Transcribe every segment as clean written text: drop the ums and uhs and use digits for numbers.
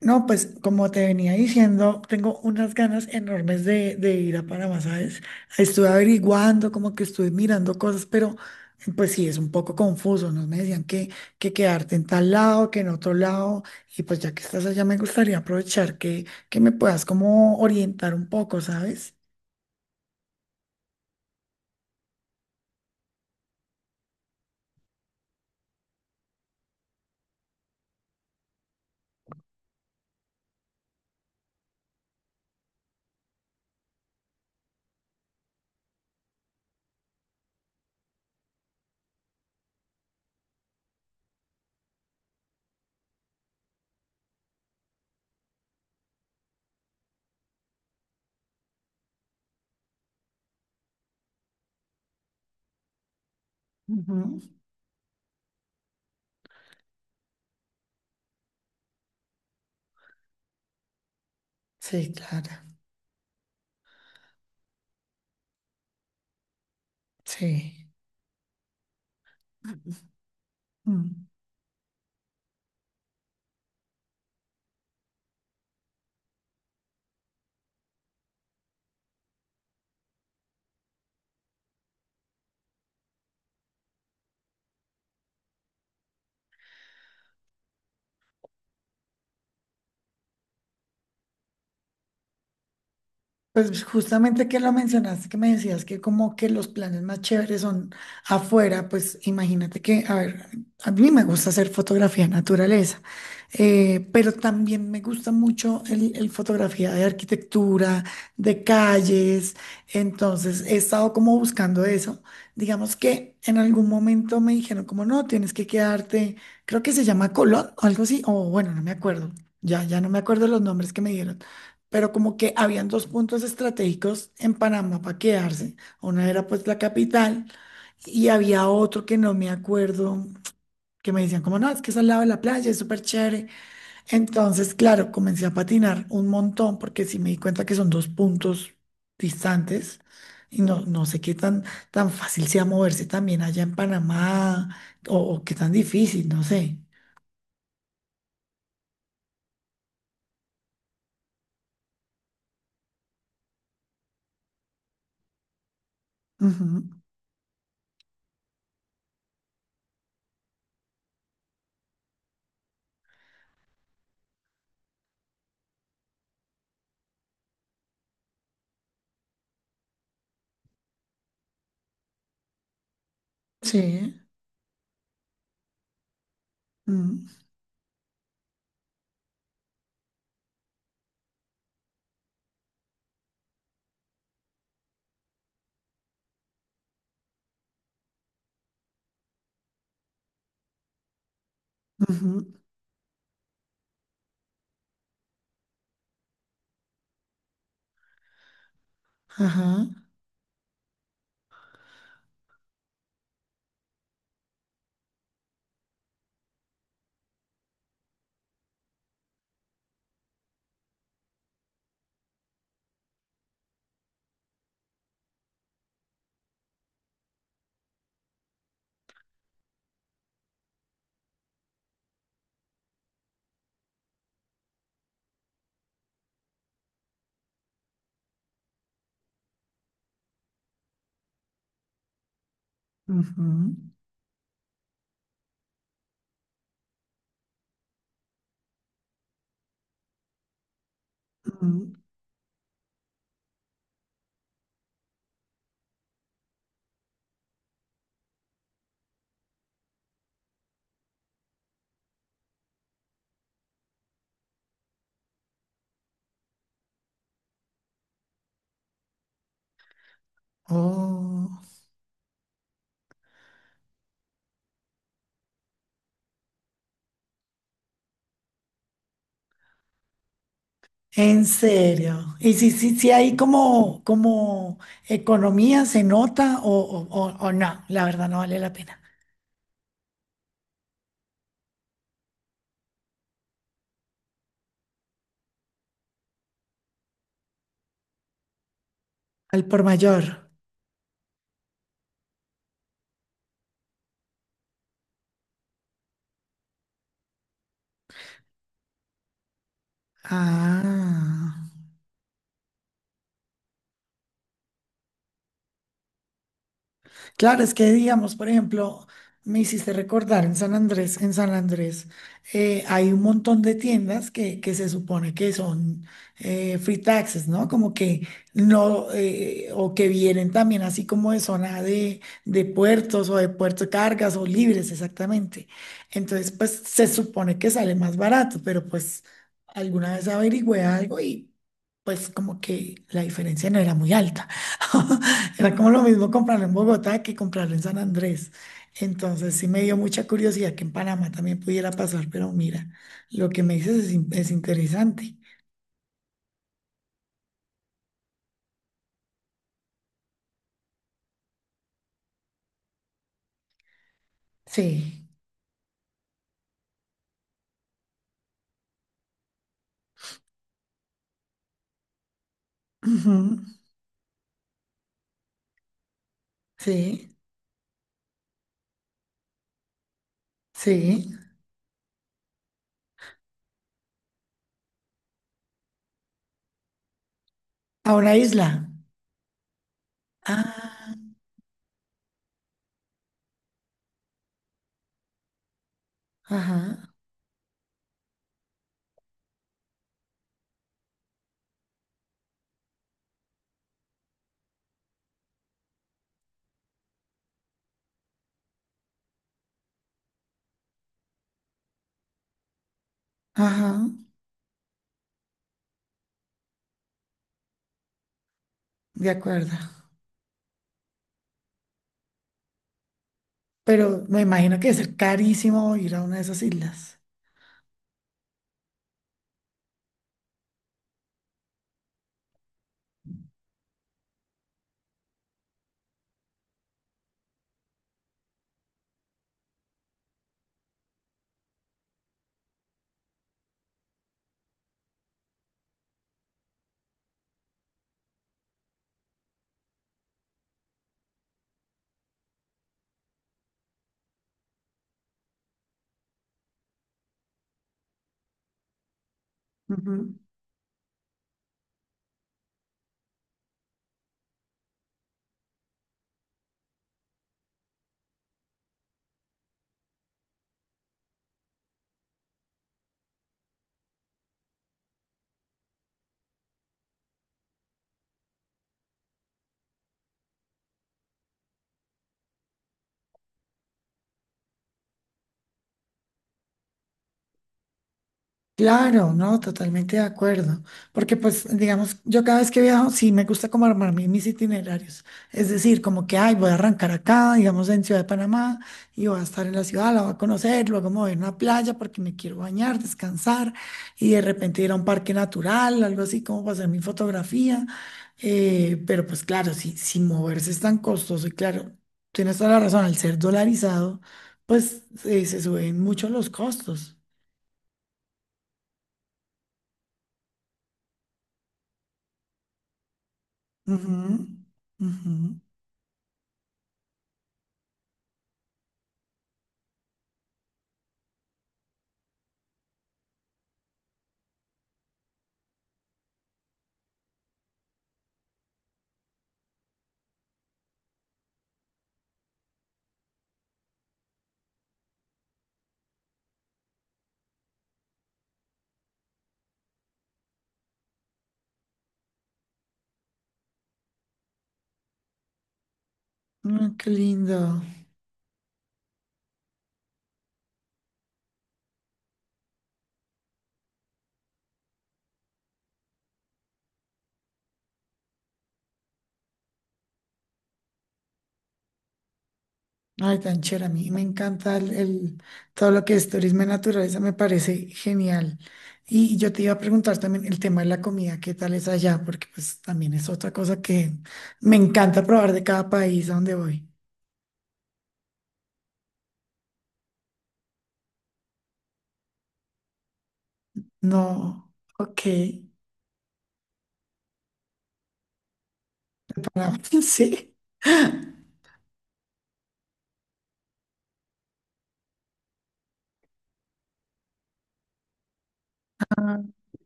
No, pues como te venía diciendo, tengo unas ganas enormes de ir a Panamá, ¿sabes? Estuve averiguando, como que estuve mirando cosas, pero pues sí, es un poco confuso, ¿no? Me decían que quedarte en tal lado, que en otro lado, y pues ya que estás allá, me gustaría aprovechar que me puedas como orientar un poco, ¿sabes? Ujú. Sí, claro, sí. Mm. Pues justamente que lo mencionaste, que me decías que como que los planes más chéveres son afuera, pues imagínate que, a ver, a mí me gusta hacer fotografía de naturaleza, pero también me gusta mucho el fotografía de arquitectura, de calles, entonces he estado como buscando eso. Digamos que en algún momento me dijeron como no, tienes que quedarte, creo que se llama Colón o algo así, o bueno, no me acuerdo, ya no me acuerdo los nombres que me dieron, pero como que habían dos puntos estratégicos en Panamá para quedarse. Una era pues la capital y había otro que no me acuerdo, que me decían como, no, es que es al lado de la playa, es súper chévere. Entonces, claro, comencé a patinar un montón porque sí me di cuenta que son dos puntos distantes. Y no, no sé qué tan fácil sea moverse también allá en Panamá o qué tan difícil, no sé. Ujú. Sí. Mm, ujú. Ajá. Ujú, ujú. Oh, ¿en serio? Y si hay como, como economía, se nota o no, la verdad no vale la pena. Al por mayor. Ah. Claro, es que digamos, por ejemplo, me hiciste recordar en San Andrés, en San Andrés, hay un montón de tiendas que se supone que son free taxes, ¿no? Como que no, o que vienen también así como de zona de puertos o de puerto cargas o libres, exactamente. Entonces, pues se supone que sale más barato, pero pues alguna vez averigüé algo y pues como que la diferencia no era muy alta. Era como lo mismo comprarlo en Bogotá que comprarlo en San Andrés. Entonces sí me dio mucha curiosidad que en Panamá también pudiera pasar, pero mira, lo que me dices es, es interesante. Sí, ujú. Sí, sí. A una isla. Ah, ajá, ajá, de acuerdo. Pero me imagino que debe ser carísimo ir a una de esas islas. Claro, no, totalmente de acuerdo. Porque pues, digamos, yo cada vez que viajo, sí me gusta como armar mis itinerarios. Es decir, como que, ay, voy a arrancar acá, digamos, en Ciudad de Panamá, y voy a estar en la ciudad, la voy a conocer, luego me voy a una playa porque me quiero bañar, descansar, y de repente ir a un parque natural, algo así como para hacer mi fotografía. Pero pues claro, si moverse es tan costoso, y claro, tienes toda la razón, al ser dolarizado, pues se suben mucho los costos. Ujú, ujú. Ah, qué lindo. Ay, tan chévere. A mí me encanta todo lo que es turismo y naturaleza, me parece genial. Y yo te iba a preguntar también el tema de la comida, ¿qué tal es allá? Porque pues también es otra cosa que me encanta probar de cada país a donde voy. No, ok. Para sí,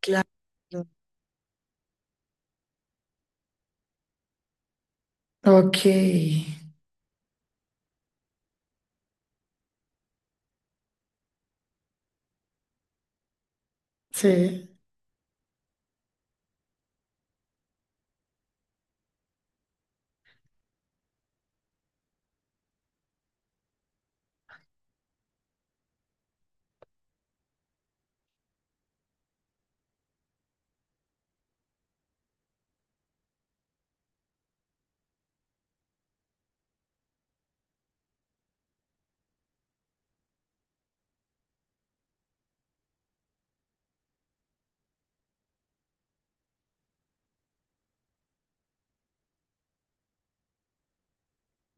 claro. Ok, sí,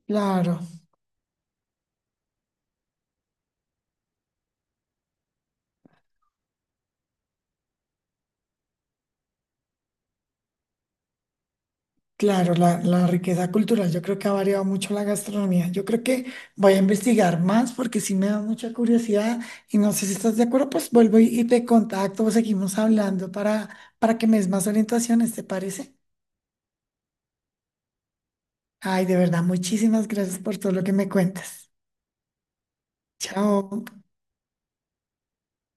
claro. Claro, la riqueza cultural, yo creo que ha variado mucho la gastronomía. Yo creo que voy a investigar más porque sí me da mucha curiosidad y no sé si estás de acuerdo, pues vuelvo y te contacto o seguimos hablando para que me des más orientaciones, ¿te parece? Ay, de verdad, muchísimas gracias por todo lo que me cuentas. Chao.